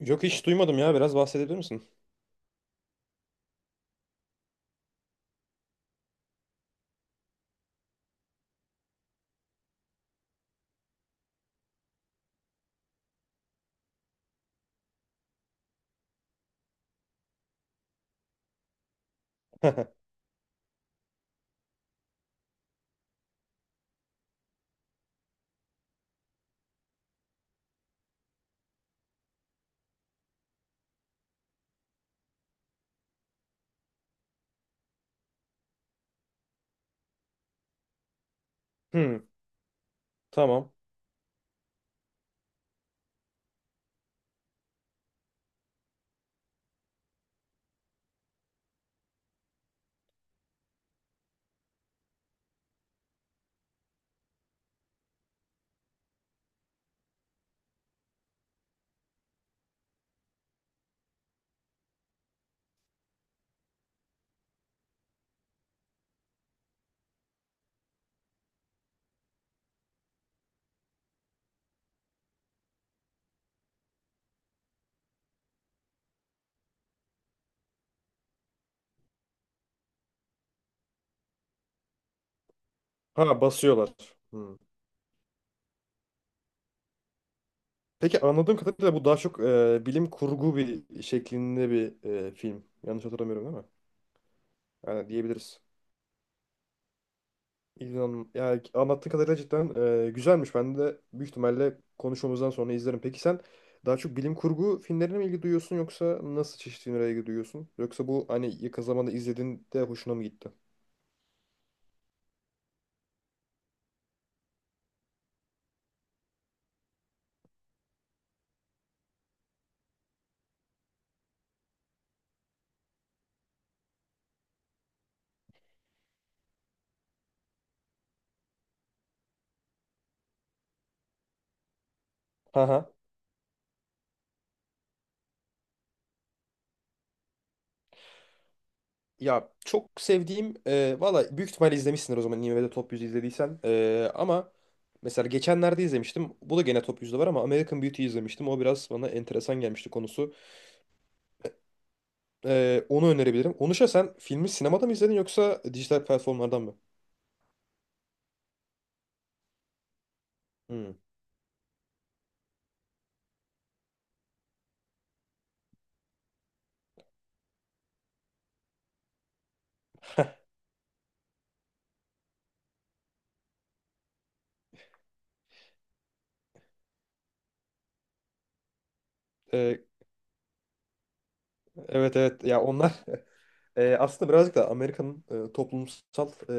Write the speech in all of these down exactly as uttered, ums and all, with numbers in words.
Yok, hiç duymadım ya. Biraz bahsedebilir misin? Hmm, tamam. Ha, basıyorlar. Hmm. Peki, anladığım kadarıyla bu daha çok e, bilim kurgu bir şeklinde bir e, film. Yanlış hatırlamıyorum, değil mi? Yani diyebiliriz. İlhan, yani anlattığı kadarıyla cidden e, güzelmiş. Ben de büyük ihtimalle konuşmamızdan sonra izlerim. Peki sen daha çok bilim kurgu filmlerine mi ilgi duyuyorsun yoksa nasıl çeşitli filmlere ilgi duyuyorsun? Yoksa bu hani yakın zamanda izlediğinde hoşuna mı gitti? Ha. Ya çok sevdiğim e, valla büyük ihtimalle izlemişsindir o zaman IMDb'de Top yüzü izlediysen. E, ama mesela geçenlerde izlemiştim. Bu da gene Top yüzde var ama American Beauty izlemiştim. O biraz bana enteresan gelmişti konusu. E, onu önerebilirim. Onuşa sen filmi sinemada mı izledin yoksa dijital platformlardan mı? Hmm. E, evet, evet, ya onlar. E, aslında birazcık da Amerika'nın e, toplumsal e,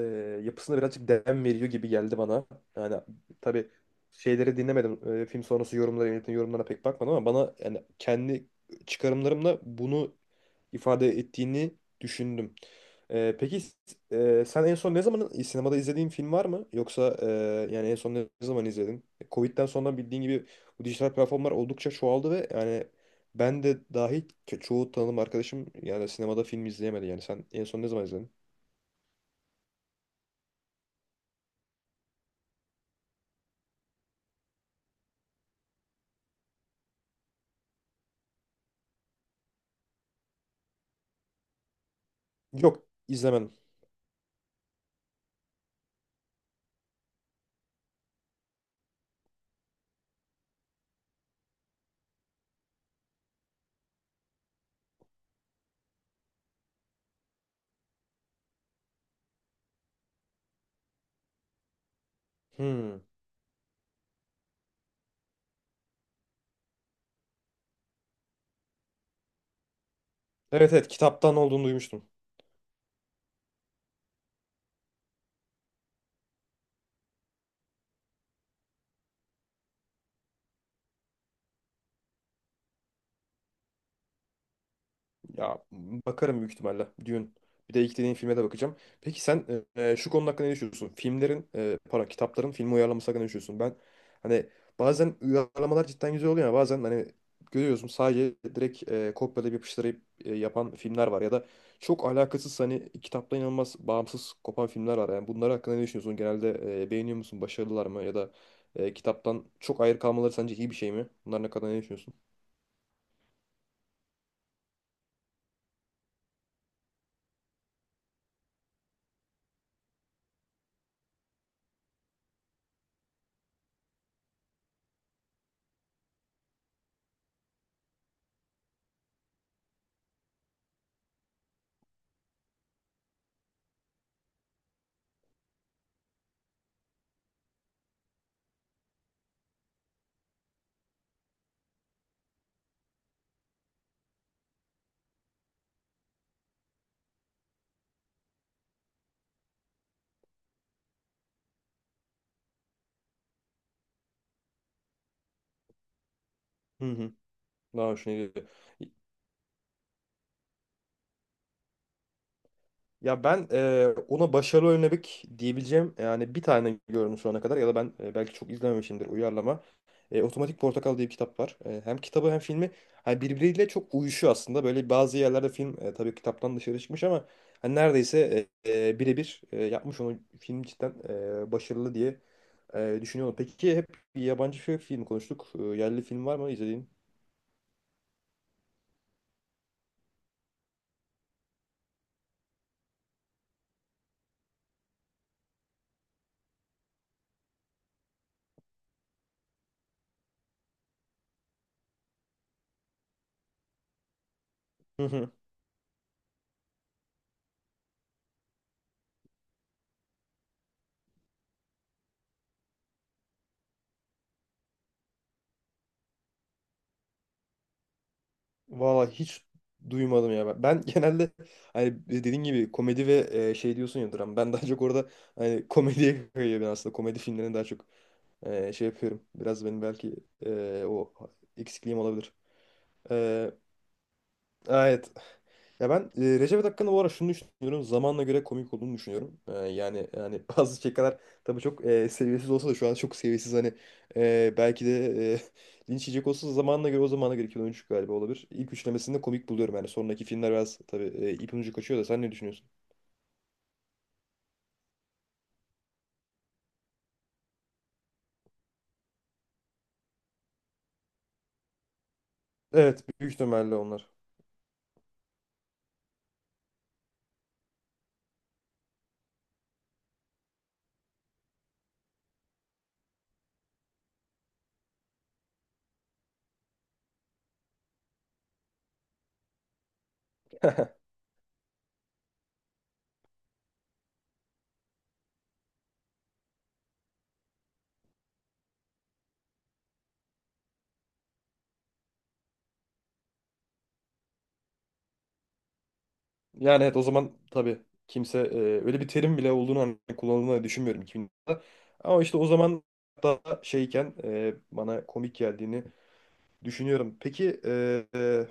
yapısına birazcık dem veriyor gibi geldi bana. Yani tabii şeyleri dinlemedim. E, film sonrası yorumlara, yönetmenin yorumlarına pek bakmadım ama bana yani kendi çıkarımlarımla bunu ifade ettiğini düşündüm. Ee, peki e, sen en son ne zaman sinemada izlediğin film var mı? Yoksa e, yani en son ne zaman izledin? Covid'den sonra bildiğin gibi bu dijital platformlar oldukça çoğaldı ve yani ben de dahil ço- çoğu tanıdığım arkadaşım yani sinemada film izleyemedi. Yani sen en son ne zaman izledin? Yok, izlemem. Hmm. Evet, evet, kitaptan olduğunu duymuştum. Ya bakarım büyük ihtimalle. Dune. Bir de ilk dediğin filme de bakacağım. Peki sen e, şu konu hakkında ne düşünüyorsun? Filmlerin, e, pardon, kitapların filmi uyarlaması hakkında ne düşünüyorsun? Ben hani bazen uyarlamalar cidden güzel oluyor, ya bazen hani görüyorsun sadece direkt e, kopyalayıp yapıştırıp e, yapan filmler var ya da çok alakasız hani kitaptan inanılmaz bağımsız kopan filmler var. Yani bunlar hakkında ne düşünüyorsun? Genelde e, beğeniyor musun? Başarılılar mı? Ya da e, kitaptan çok ayrı kalmaları sence iyi bir şey mi? Bunlar ne kadar ne düşünüyorsun? Hı hı. Daha hoşuna gidiyor. Ya ben e, ona başarılı örnek diyebileceğim yani bir tane gördüm şu ana kadar, ya da ben e, belki çok izlememişimdir uyarlama. E, Otomatik Portakal diye bir kitap var. E, hem kitabı hem filmi hani birbiriyle çok uyuşuyor aslında. Böyle bazı yerlerde film e, tabii kitaptan dışarı çıkmış ama hani neredeyse e, e, birebir e, yapmış onu film, cidden e, başarılı diye e, düşünüyorum. Peki hep yabancı film konuştuk. E, yerli film var mı izlediğin? Valla hiç duymadım ya ben. Ben genelde hani dediğin gibi komedi ve e, şey diyorsun ya, dram. Ben daha çok orada hani komediye kayıyor ben aslında. Komedi filmlerine daha çok e, şey yapıyorum. Biraz benim belki e, o eksikliğim olabilir. E, evet, ya ben e, Recep hakkında bu ara şunu düşünüyorum. Zamanla göre komik olduğunu düşünüyorum. E, yani yani bazı şakalar tabii çok e, seviyesiz olsa da şu an çok seviyesiz, hani e, belki de e, linç yiyecek olsa da, zamanla göre, o zamana göre, iki bin on üç galiba olabilir. İlk üçlemesinde komik buluyorum yani. Sonraki filmler biraz tabii e, ipin ucu kaçıyor da sen ne düşünüyorsun? Evet, büyük ihtimalle onlar. Yani evet, o zaman tabii kimse e, öyle bir terim bile olduğunu hani kullanıldığını düşünmüyorum iki binde. Ama işte o zaman daha şeyken e, bana komik geldiğini düşünüyorum. Peki e, e,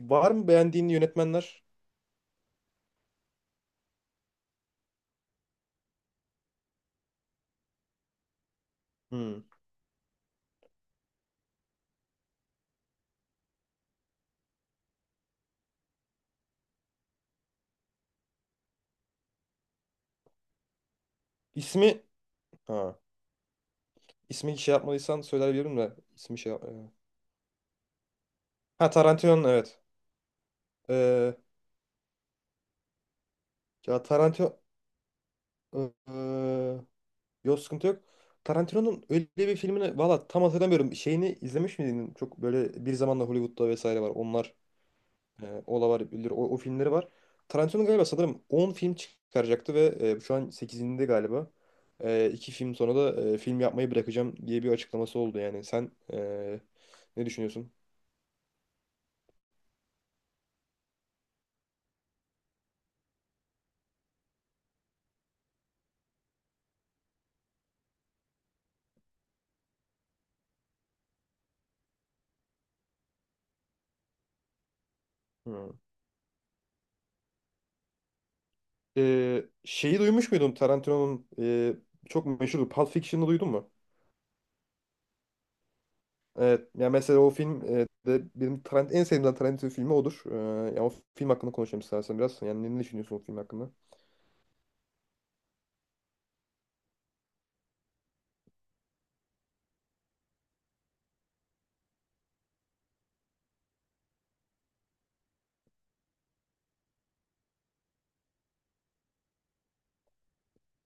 var mı beğendiğin yönetmenler? Hmm. İsmi ha, ismi şey yapmadıysan söyleyebilirim de, ismi şey yap- e. Ha, Tarantino, evet. E, ya Tarantino e, e, yok, sıkıntı yok. Tarantino'nun öyle bir filmini valla tam hatırlamıyorum. Şeyini izlemiş miydin? Çok böyle bir zamanla Hollywood'da vesaire var. Onlar. E, Olavar, o, o filmleri var. Tarantino galiba sanırım on film çıkaracaktı ve e, şu an sekizinde galiba. E, iki film sonra da e, film yapmayı bırakacağım diye bir açıklaması oldu yani. Sen e, ne düşünüyorsun? Hmm. E, şeyi duymuş muydun Tarantino'nun e, çok meşhur Pulp Fiction'ı duydun mu? Evet. Ya mesela o film e, de benim Tarant en sevdiğim Tarantino filmi odur. E, ya o film hakkında konuşalım istersen biraz. Yani ne ne düşünüyorsun o film hakkında?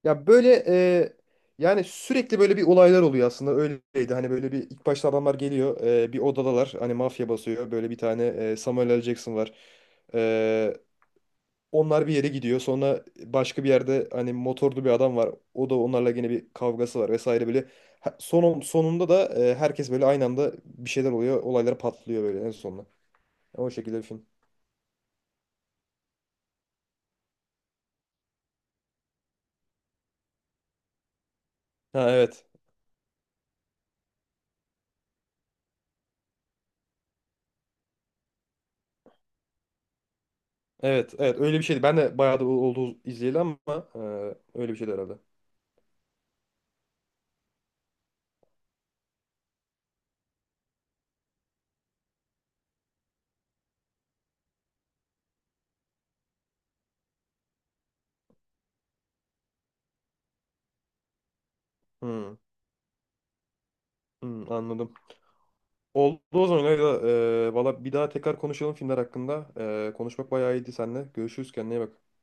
Ya böyle e, yani sürekli böyle bir olaylar oluyor aslında, öyleydi. Hani böyle bir ilk başta adamlar geliyor, e, bir odadalar, hani mafya basıyor. Böyle bir tane e, Samuel L. Jackson var. E, onlar bir yere gidiyor. Sonra başka bir yerde hani motorlu bir adam var. O da onlarla yine bir kavgası var vesaire böyle. Ha- Son, sonunda da e, herkes böyle aynı anda bir şeyler oluyor. Olaylar patlıyor böyle en sonunda. O şekilde bir film. Ha, evet. Evet, evet, öyle bir şeydi. Ben de bayağı da oldu izleyeli ama e, öyle bir şeydi herhalde. Hmm. Hmm, anladım. Oldu o zaman Leyla. Ee, valla bir daha tekrar konuşalım filmler hakkında. Ee, konuşmak bayağı iyiydi seninle. Görüşürüz, kendine iyi bak.